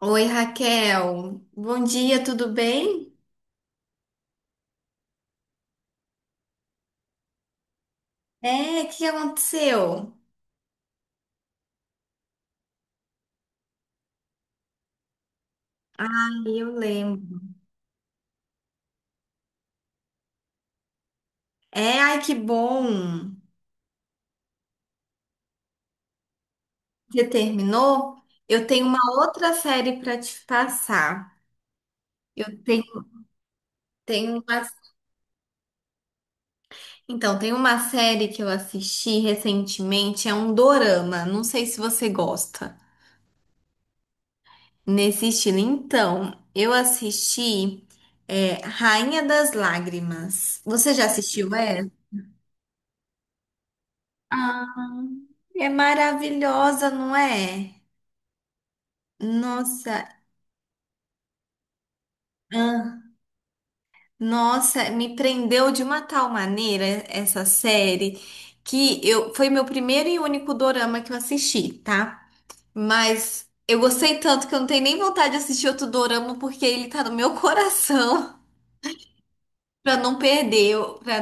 Oi, Raquel. Bom dia, tudo bem? É, o que aconteceu? Ai, eu lembro. É, ai, que bom. Você terminou? Eu tenho uma outra série para te passar. Eu tenho, tenho uma... Então, tem uma série que eu assisti recentemente, é um dorama. Não sei se você gosta. Nesse estilo. Então, eu assisti Rainha das Lágrimas. Você já assistiu essa? É maravilhosa, não é? Nossa, ah, nossa, me prendeu de uma tal maneira essa série que eu foi meu primeiro e único dorama que eu assisti, tá? Mas eu gostei tanto que eu não tenho nem vontade de assistir outro dorama porque ele tá no meu coração. Pra não perder, pra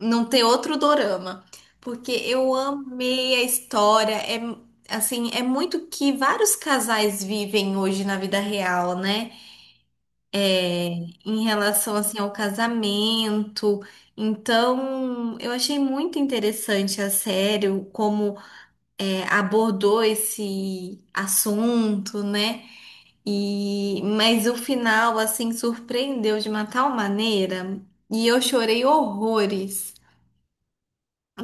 não ter outro dorama, porque eu amei a história, é assim, é muito que vários casais vivem hoje na vida real, né? Em relação assim ao casamento. Então, eu achei muito interessante a série como abordou esse assunto, né? E mas o final assim surpreendeu de uma tal maneira e eu chorei horrores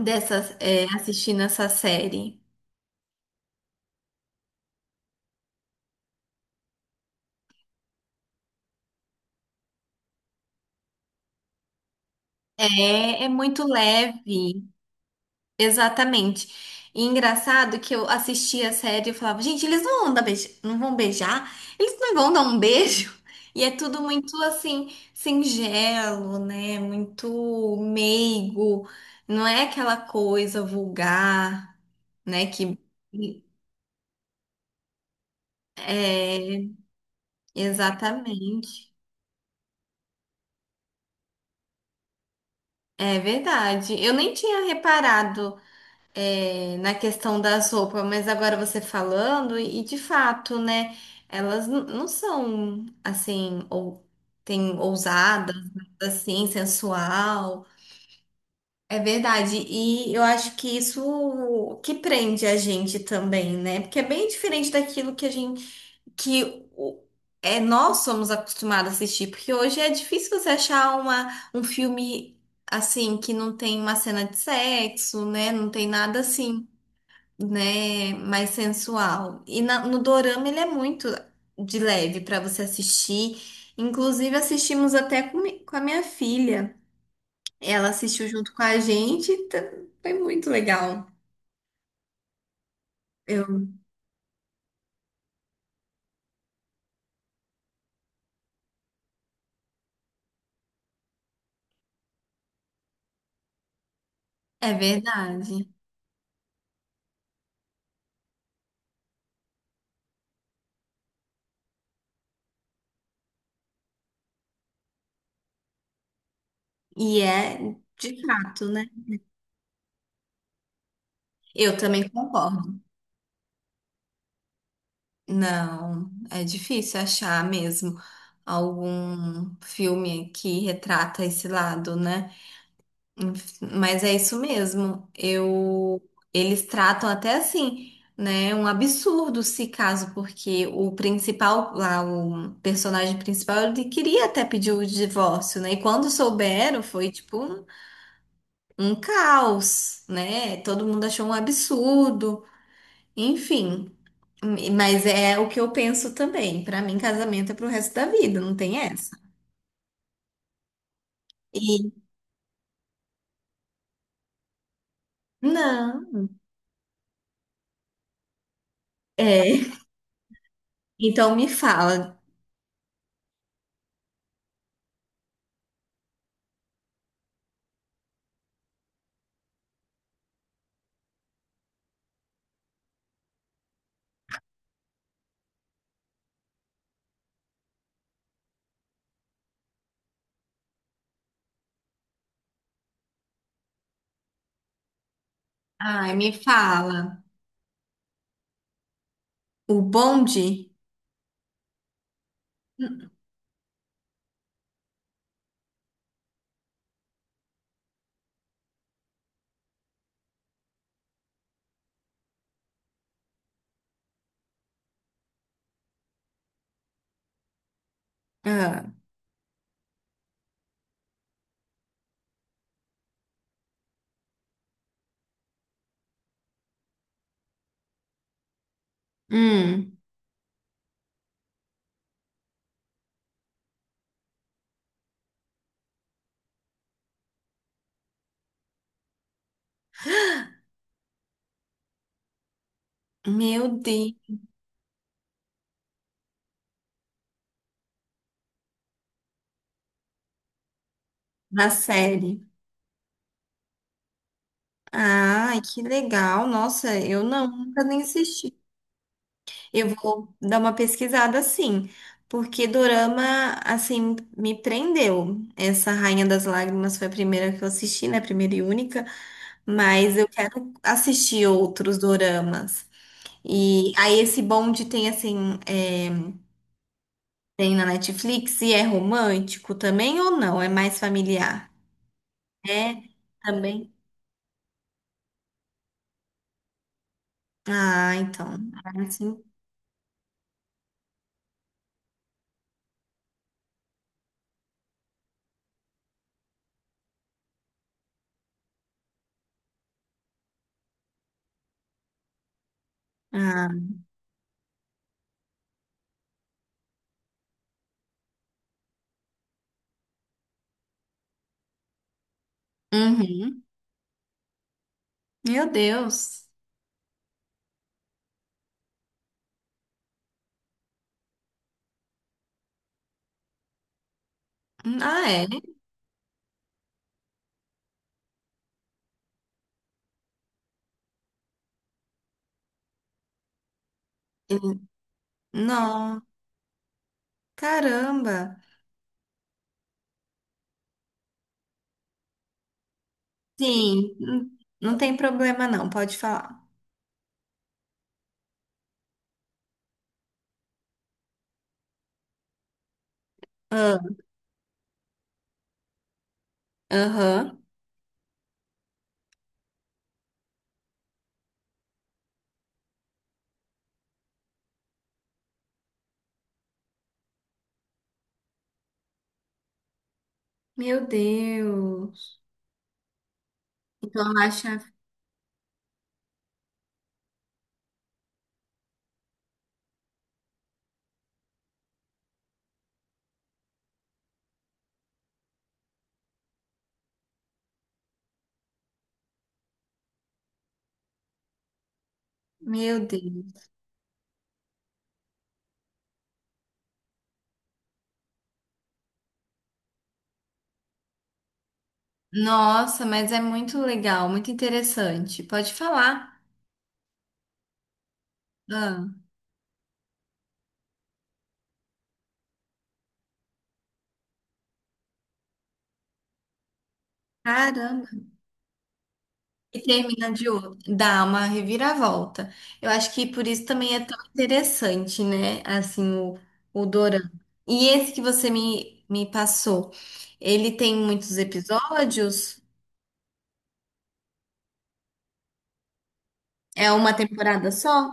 assistindo essa série. É, é muito leve. Exatamente. E engraçado que eu assistia a série e eu falava, gente, eles não vão dar não vão beijar, eles não vão dar um beijo. E é tudo muito assim, singelo, né? Muito meigo, não é aquela coisa vulgar, né? Que é exatamente. É verdade. Eu nem tinha reparado. É, na questão das roupas, mas agora você falando, e de fato, né? Elas não são assim, ou tem ousadas, assim, sensual. É verdade, e eu acho que isso que prende a gente também, né? Porque é bem diferente daquilo que a gente, que o- é, nós somos acostumados a assistir, porque hoje é difícil você achar uma, um filme assim que não tem uma cena de sexo, né? Não tem nada assim né, mais sensual. E no dorama ele é muito de leve para você assistir. Inclusive assistimos até com, com a minha filha. Ela assistiu junto com a gente, foi muito legal. Eu, é verdade. E é de fato, né? Eu também concordo. Não, é difícil achar mesmo algum filme que retrata esse lado, né? Mas é isso mesmo. Eu, eles tratam até assim, né? Um absurdo se caso, porque o principal, lá, o personagem principal, ele queria até pedir o divórcio, né? E quando souberam, foi tipo um, um caos, né? Todo mundo achou um absurdo, enfim. Mas é o que eu penso também. Para mim, casamento é pro resto da vida, não tem essa. E não, é. Então me fala. Ai, me fala. O bonde? Ah, hum, meu Deus, na série. Ai, que legal. Nossa, eu não, nunca nem assisti. Eu vou dar uma pesquisada sim, porque dorama, assim, me prendeu. Essa Rainha das Lágrimas foi a primeira que eu assisti, né? Primeira e única, mas eu quero assistir outros doramas. E aí esse bonde tem, assim, é, tem na Netflix e é romântico também ou não? É mais familiar? É, também. Ah, então. Ah, sim. Ah. Uhum. Meu Deus. Ah, é? Hum, Não. Caramba. Sim, não tem problema não, pode falar. Ah, aham. Meu Deus. Então, acha... Meu Deus. Nossa, mas é muito legal, muito interessante. Pode falar. Ah, caramba. E termina de outro, dá uma reviravolta. Eu acho que por isso também é tão interessante, né? Assim, o dorama. E esse que você me, me passou, ele tem muitos episódios? É uma temporada só?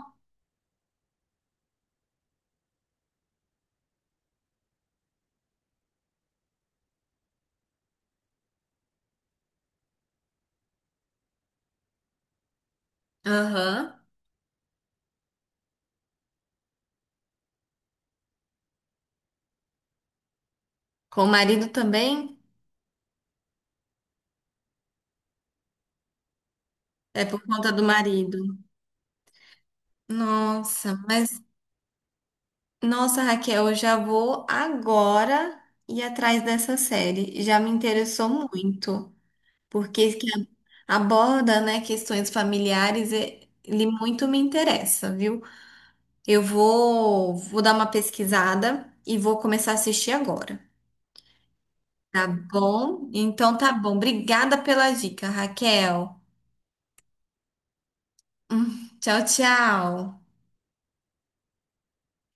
Aham. Com o marido também? É por conta do marido. Nossa, mas nossa, Raquel, eu já vou agora ir atrás dessa série. Já me interessou muito. Porque que aborda, né, questões familiares, e- ele muito me interessa, viu? Eu vou, vou dar uma pesquisada e vou começar a assistir agora, tá bom? Então tá bom. Obrigada pela dica, Raquel. Tchau, tchau.